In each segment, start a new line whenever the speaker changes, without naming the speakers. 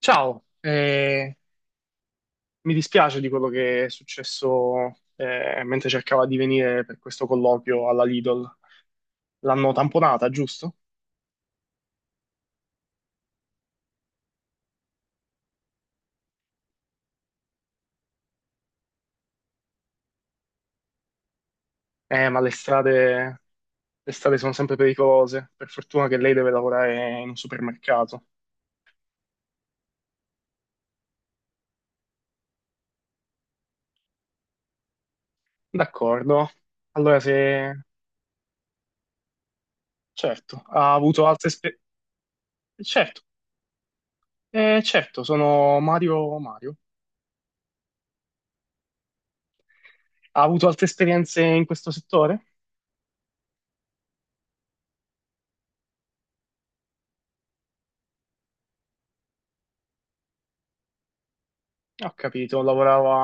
Ciao, mi dispiace di quello che è successo mentre cercava di venire per questo colloquio alla Lidl. L'hanno tamponata, giusto? Ma le strade sono sempre pericolose. Per fortuna che lei deve lavorare in un supermercato. D'accordo. Allora, se. Certo, ha avuto altre esperienze. Certo, certo, sono Mario Mario. Ha avuto altre esperienze in questo settore? Ho capito, lavorava.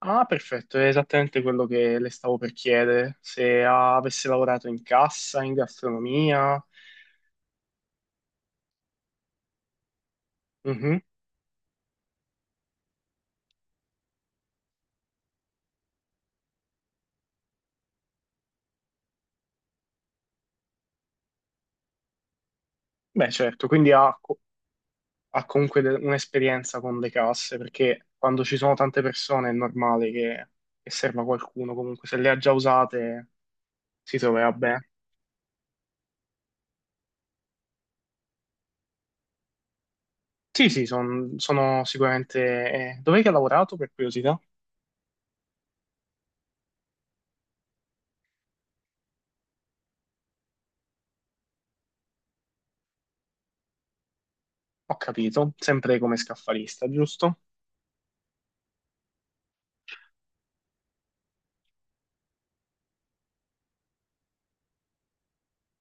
Ah, perfetto, è esattamente quello che le stavo per chiedere, se avesse lavorato in cassa, in gastronomia. Mhm. Beh, certo, quindi ha comunque un'esperienza con le casse, perché quando ci sono tante persone è normale che serva qualcuno, comunque se le ha già usate si troverà bene. Sì, sì, sono sicuramente. Dov'è che ha lavorato per curiosità? Ho capito, sempre come scaffalista, giusto?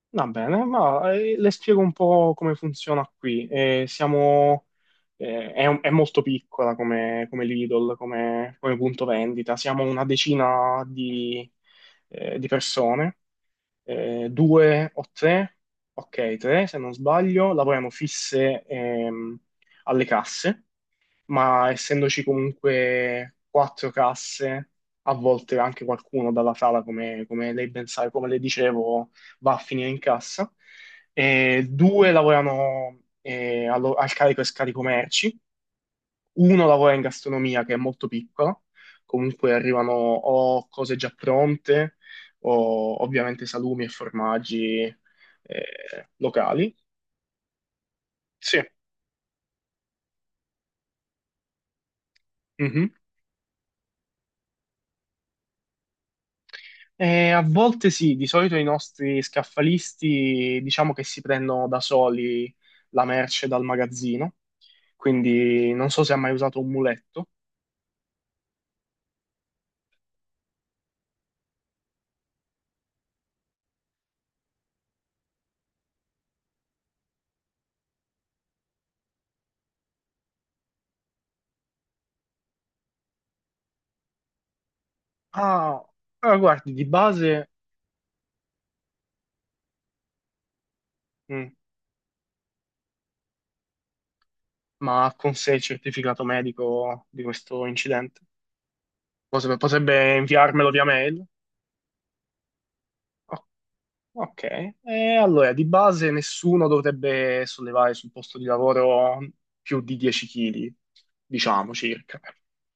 Va bene, ma le spiego un po' come funziona qui. È molto piccola come Lidl, come punto vendita. Siamo una decina di persone, due o tre, ok, tre se non sbaglio, lavoriamo fisse alle casse, ma essendoci comunque quattro casse, a volte anche qualcuno dalla sala, come lei ben sa, e come le dicevo, va a finire in cassa. E due lavorano al carico e scarico merci, uno lavora in gastronomia che è molto piccola, comunque arrivano o cose già pronte o ovviamente salumi e formaggi locali. Sì. Mhm. A volte sì, di solito i nostri scaffalisti diciamo che si prendono da soli la merce dal magazzino, quindi non so se ha mai usato un muletto. Ah, allora guardi, di base, mm, ma ha con sé il certificato medico di questo incidente? Potrebbe inviarmelo via mail? Ok, e allora di base nessuno dovrebbe sollevare sul posto di lavoro più di 10 kg, diciamo circa.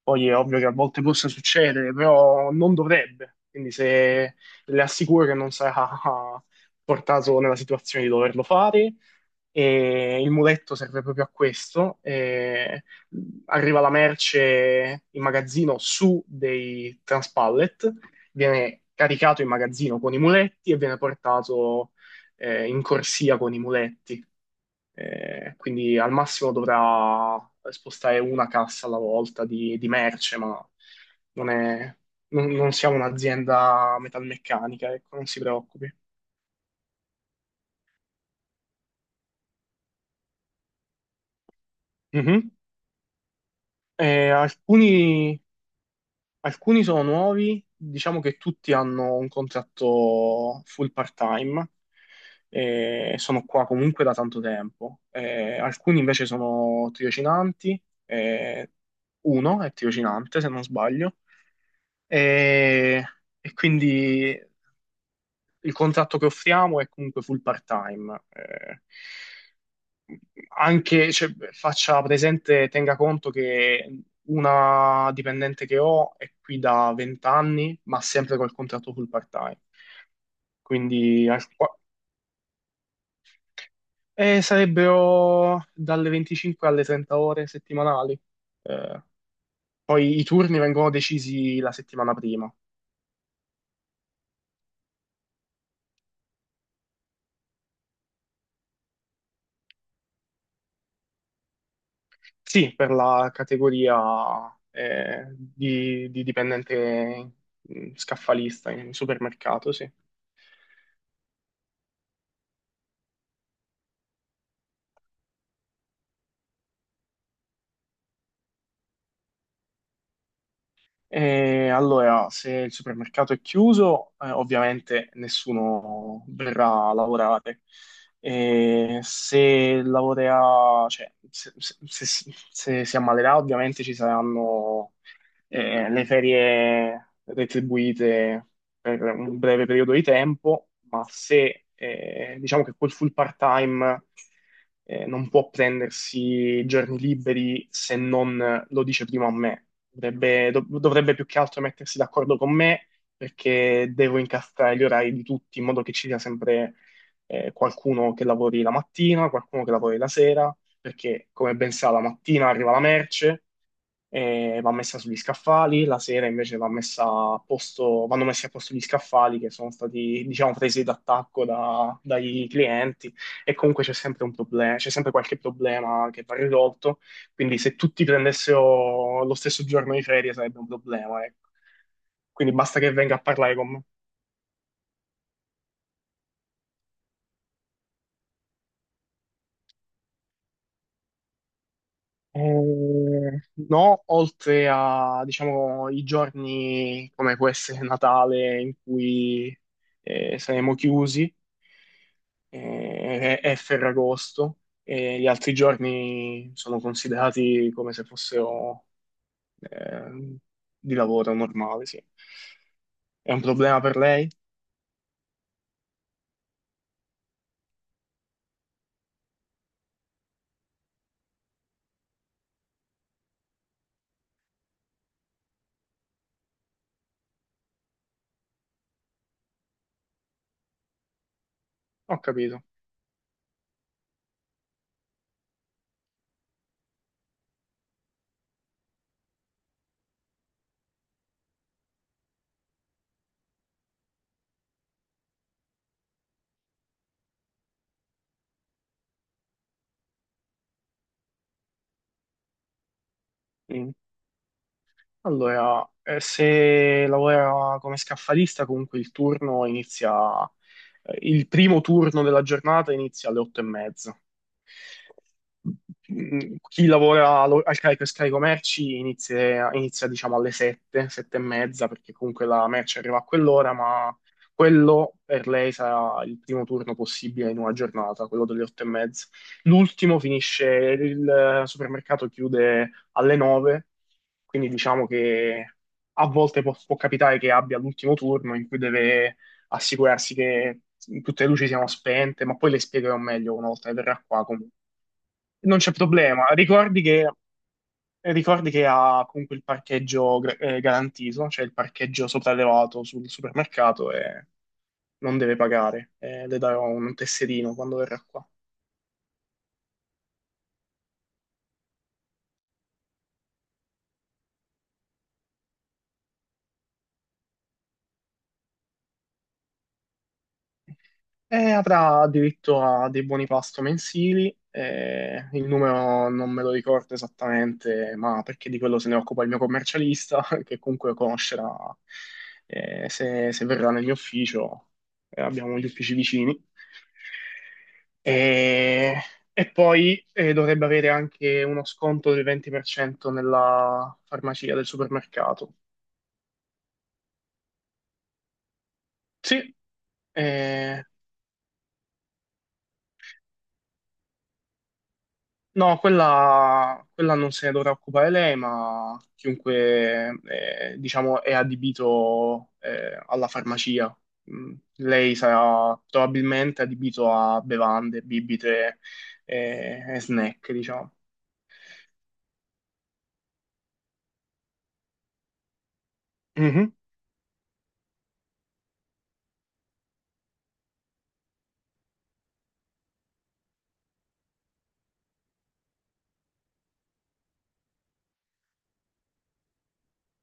Poi è ovvio che a volte possa succedere, però non dovrebbe. Quindi se le assicuro che non sarà portato nella situazione di doverlo fare. E il muletto serve proprio a questo. E arriva la merce in magazzino su dei transpallet, viene caricato in magazzino con i muletti e viene portato in corsia con i muletti. Quindi al massimo dovrà spostare una cassa alla volta di merce, ma non è- non- non siamo un'azienda metalmeccanica, ecco, non si preoccupi. Mhm. Eh, alcuni Alcuni sono nuovi, diciamo che tutti hanno un contratto full part-time e sono qua comunque da tanto tempo. Alcuni invece sono tirocinanti, eh, uno è tirocinante se non sbaglio, e, e quindi il contratto che offriamo è comunque full part-time. Anche cioè, faccia presente, tenga conto che una dipendente che ho è qui da 20 anni, ma sempre col contratto full part-time. Quindi sarebbero dalle 25 alle 30 ore settimanali. Eh, poi i turni vengono decisi la settimana prima. Sì, per la categoria di dipendente, scaffalista in supermercato, sì. E allora, se il supermercato è chiuso, ovviamente nessuno verrà a lavorare. E se lavorerà, cioè, se si ammalerà, ovviamente ci saranno le ferie retribuite per un breve periodo di tempo, ma se diciamo che quel full part-time non può prendersi giorni liberi se non lo dice prima a me. Dovrebbe più che altro mettersi d'accordo con me, perché devo incastrare gli orari di tutti in modo che ci sia sempre qualcuno che lavori la mattina, qualcuno che lavori la sera, perché come ben sa la mattina arriva la merce, va messa sugli scaffali, la sera invece va messa a posto, vanno messi a posto gli scaffali che sono stati, diciamo, presi d'attacco dai clienti, e comunque c'è sempre un problema, c'è sempre qualche problema che va risolto, quindi se tutti prendessero lo stesso giorno di ferie sarebbe un problema, ecco. Quindi basta che venga a parlare con me. Eh, no, oltre a, diciamo, i giorni come può essere Natale in cui saremo chiusi, è Ferragosto, e gli altri giorni sono considerati come se fossero eh, di lavoro normale, sì. È un problema per lei? Ho capito. Mm. Allora, se lavora come scaffalista, comunque il turno inizia, il primo turno della giornata inizia alle 8:30. Chi lavora al carico e scarico merci inizia, diciamo alle 7, 7 e mezza, perché comunque la merce arriva a quell'ora, ma quello per lei sarà il primo turno possibile in una giornata, quello delle 8 e mezza. L'ultimo finisce, il supermercato chiude alle 9, quindi diciamo che a volte può capitare che abbia l'ultimo turno in cui deve assicurarsi che tutte le luci siano spente, ma poi le spiegherò meglio una volta che verrà qua comunque. Non c'è problema, ricordi che ha comunque il parcheggio garantito, cioè il parcheggio sopraelevato sul supermercato, e non deve pagare. Le darò un tesserino quando verrà qua. E avrà diritto a dei buoni pasto mensili, il numero non me lo ricordo esattamente, ma perché di quello se ne occupa il mio commercialista, che comunque conoscerà se, verrà nel mio ufficio, abbiamo gli uffici vicini. E, e poi dovrebbe avere anche uno sconto del 20% nella farmacia del supermercato. Sì, eh, No, quella non se ne dovrà occupare lei, ma chiunque, diciamo, è adibito, alla farmacia. Lei sarà probabilmente adibito a bevande, bibite, e snack, diciamo. Mhm.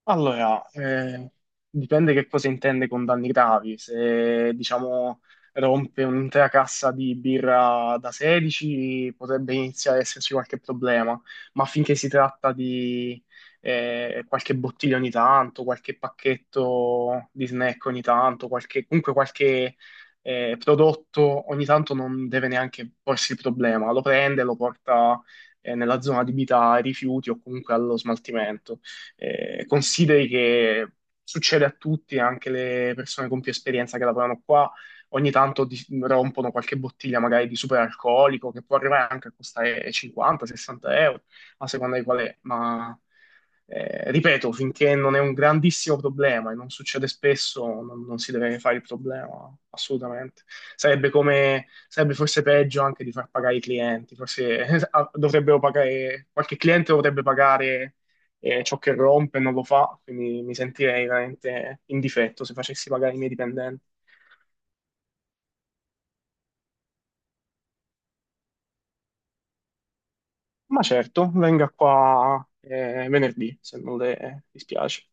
Allora, dipende che cosa intende con danni gravi. Se, diciamo, rompe un'intera cassa di birra da 16, potrebbe iniziare ad esserci qualche problema, ma finché si tratta di qualche bottiglia ogni tanto, qualche pacchetto di snack ogni tanto, comunque qualche prodotto ogni tanto non deve neanche porsi il problema. Lo prende, lo porta nella zona adibita ai rifiuti o comunque allo smaltimento. Consideri che succede a tutti, anche le persone con più esperienza che lavorano qua, ogni tanto rompono qualche bottiglia magari di superalcolico che può arrivare anche a costare 50-60 euro, a seconda di qual è, ma ripeto, finché non è un grandissimo problema e non succede spesso, non si deve fare il problema, assolutamente. Sarebbe forse peggio anche di far pagare i clienti, forse dovrebbero pagare, qualche cliente dovrebbe pagare e ciò che rompe non lo fa, quindi mi sentirei veramente in difetto se facessi pagare i miei dipendenti. Ma certo, venga qua venerdì, se non le dispiace.